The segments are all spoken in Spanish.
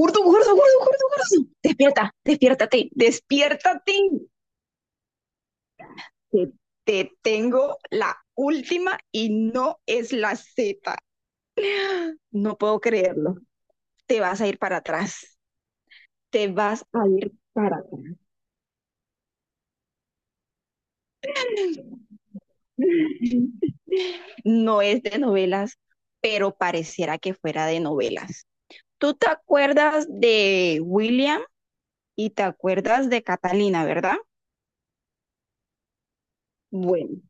Gordo, gordo, gordo, gordo, gordo. Despierta, despiértate, despiértate. Te, te tengo la última y no es la Z. No puedo creerlo. Te vas a ir para atrás. Te vas a ir para atrás. No es de novelas, pero pareciera que fuera de novelas. ¿Tú te acuerdas de William y te acuerdas de Catalina, verdad? Bueno,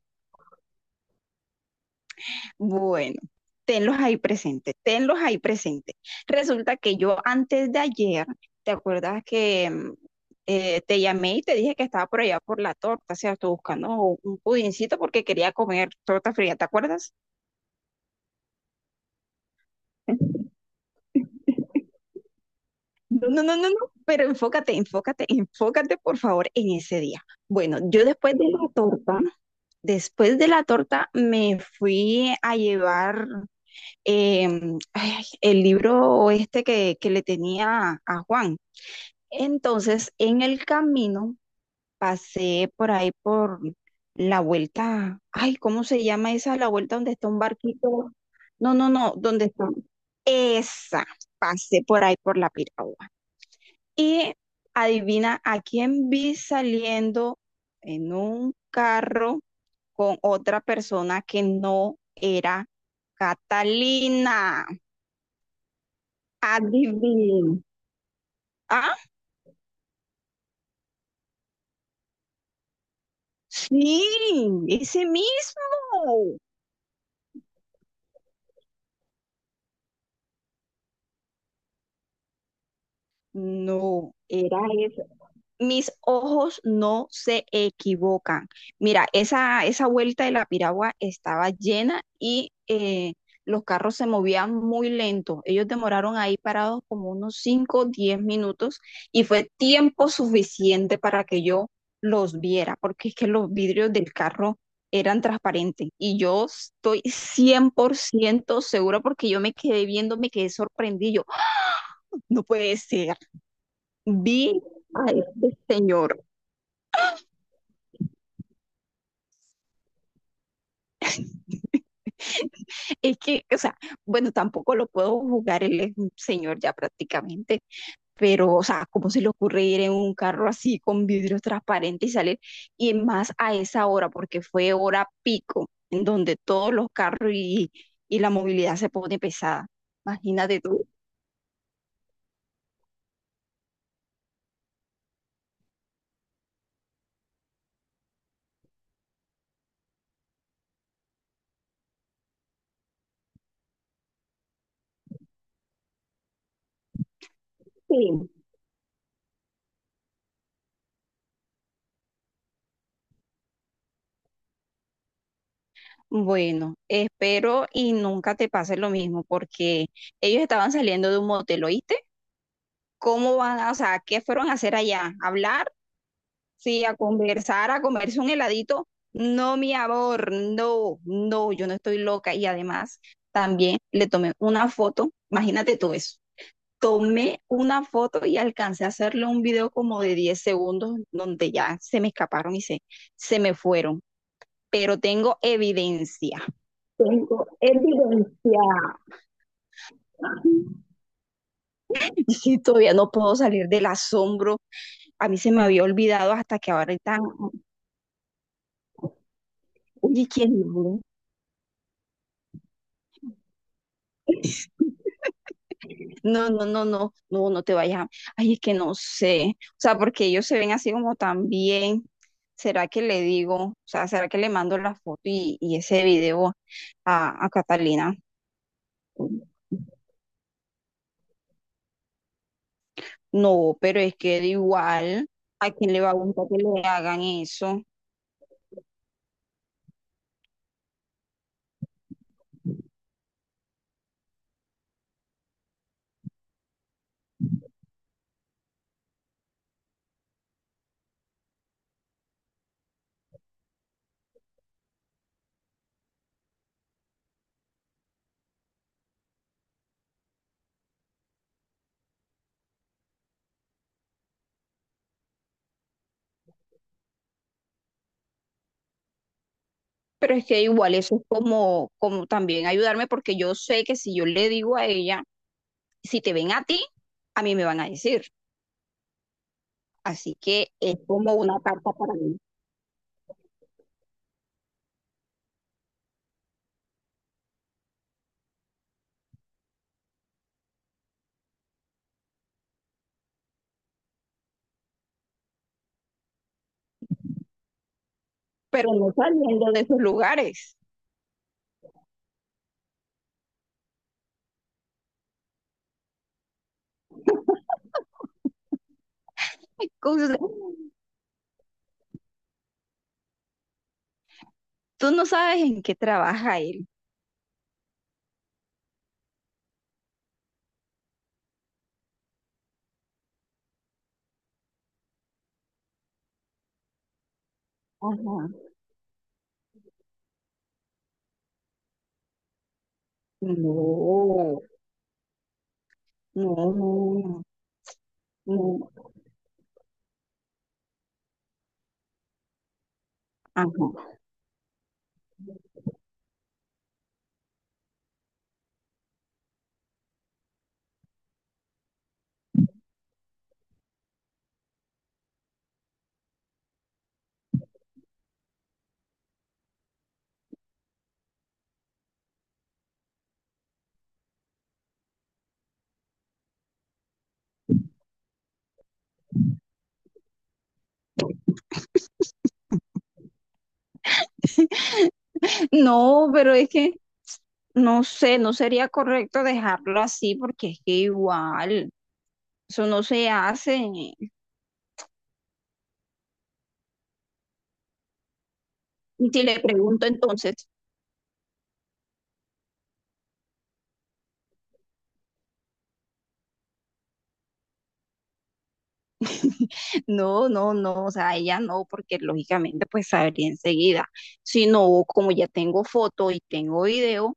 Bueno, tenlos ahí presentes, tenlos ahí presentes. Resulta que yo antes de ayer, ¿te acuerdas que te llamé y te dije que estaba por allá por la torta? O sea, estoy buscando un pudincito porque quería comer torta fría, ¿te acuerdas? No, no, no, no, no, pero enfócate, enfócate, enfócate por favor en ese día. Bueno, yo después de la torta me fui a llevar ay, el libro este que le tenía a Juan. Entonces, en el camino pasé por ahí por la vuelta, ay, ¿cómo se llama esa? La vuelta donde está un barquito. No, no, no, donde está. Esa, pasé por ahí por la piragua. Y adivina a quién vi saliendo en un carro con otra persona que no era Catalina. Adivina. Ah, sí, ese mismo. No, era eso. Mis ojos no se equivocan. Mira, esa vuelta de la piragua estaba llena y los carros se movían muy lento. Ellos demoraron ahí parados como unos 5, o 10 minutos y fue tiempo suficiente para que yo los viera, porque es que los vidrios del carro eran transparentes y yo estoy 100% segura porque yo me quedé viendo, me quedé sorprendido. ¡Ah! No puede ser. Vi a este señor. Es que, o sea, bueno, tampoco lo puedo jugar, él es un señor ya prácticamente, pero, o sea, ¿cómo se le ocurre ir en un carro así con vidrios transparentes y salir? Y más a esa hora, porque fue hora pico, en donde todos los carros y la movilidad se pone pesada. Imagínate tú. Sí. Bueno, espero y nunca te pase lo mismo, porque ellos estaban saliendo de un motel, ¿oíste? Cómo van, a- o sea, qué fueron a hacer allá. ¿A hablar, sí, a conversar, a comerse un heladito? No, mi amor, no, no, yo no estoy loca. Y además, también le tomé una foto, imagínate tú eso. Tomé una foto y alcancé a hacerle un video como de 10 segundos, donde ya se me escaparon y se me fueron. Pero tengo evidencia. Tengo evidencia. Y sí, todavía no puedo salir del asombro. A mí se me había olvidado hasta que ahora están. Oye, ¿quién no? No, no, no, no, no, no te vayas. Ay, es que no sé. O sea, porque ellos se ven así como tan bien. ¿Será que le digo? O sea, ¿será que le mando la foto y ese video a Catalina? No, pero es que de igual, ¿a quién le va a gustar que le hagan eso? Pero es que igual eso es como, como también ayudarme, porque yo sé que si yo le digo a ella, si te ven a ti, a mí me van a decir. Así que es como una carta para mí. Pero no saliendo de esos lugares. Ay, cosas de- Tú no sabes en qué trabaja él. Ajá. No, no, no, no. Ajá. No, pero es que no sé, no sería correcto dejarlo así porque es que igual, eso no se hace. Y si le pregunto entonces, no, no, no, o sea, ella no, porque lógicamente pues sabría enseguida. Si no, como ya tengo foto y tengo video,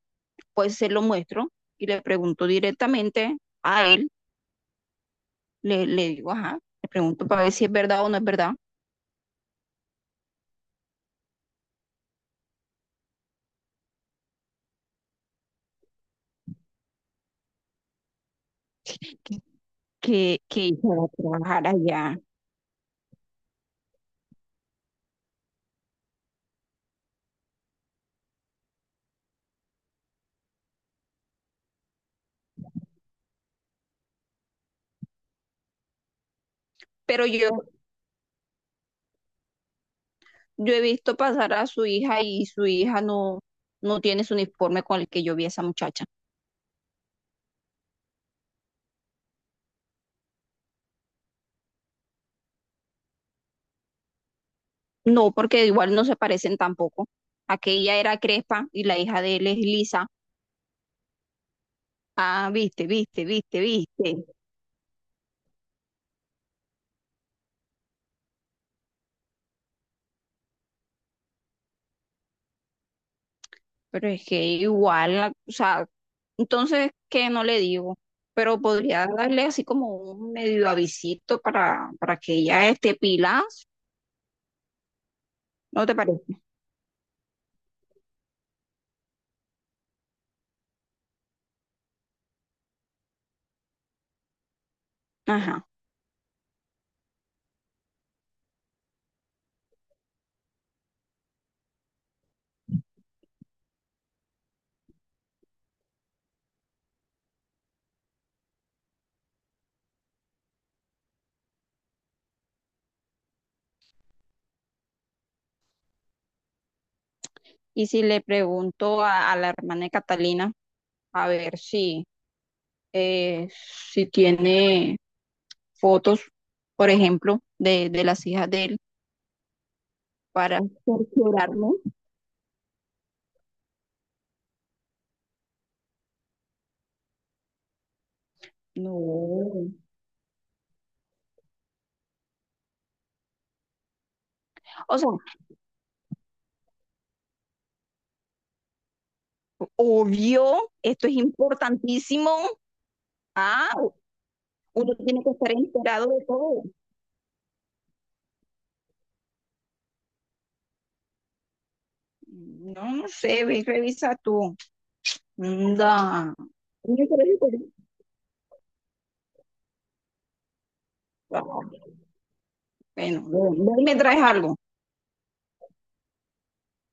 pues se lo muestro y le pregunto directamente a él, le digo, ajá, le pregunto para ver si es verdad o no es verdad que ella va a trabajar allá. Pero yo he visto pasar a su hija y su hija no, no tiene su uniforme con el que yo vi a esa muchacha. No, porque igual no se parecen tampoco. Aquella era crespa y la hija de él es lisa. Ah, viste, viste, viste, viste. Pero es que igual, la- o sea, entonces, ¿qué no le digo? Pero podría darle así como un medio avisito para que ella esté pilas, ¿no te parece? Ajá. Y si le pregunto a la hermana de Catalina, a ver si, eh, si tiene fotos, por ejemplo, de las hijas de él, para cerciorarme. No. O sea, obvio, esto es importantísimo. Ah, uno tiene que estar enterado de todo. No, no sé, ve y revisa tú. Da. Bueno, ve y me traes algo.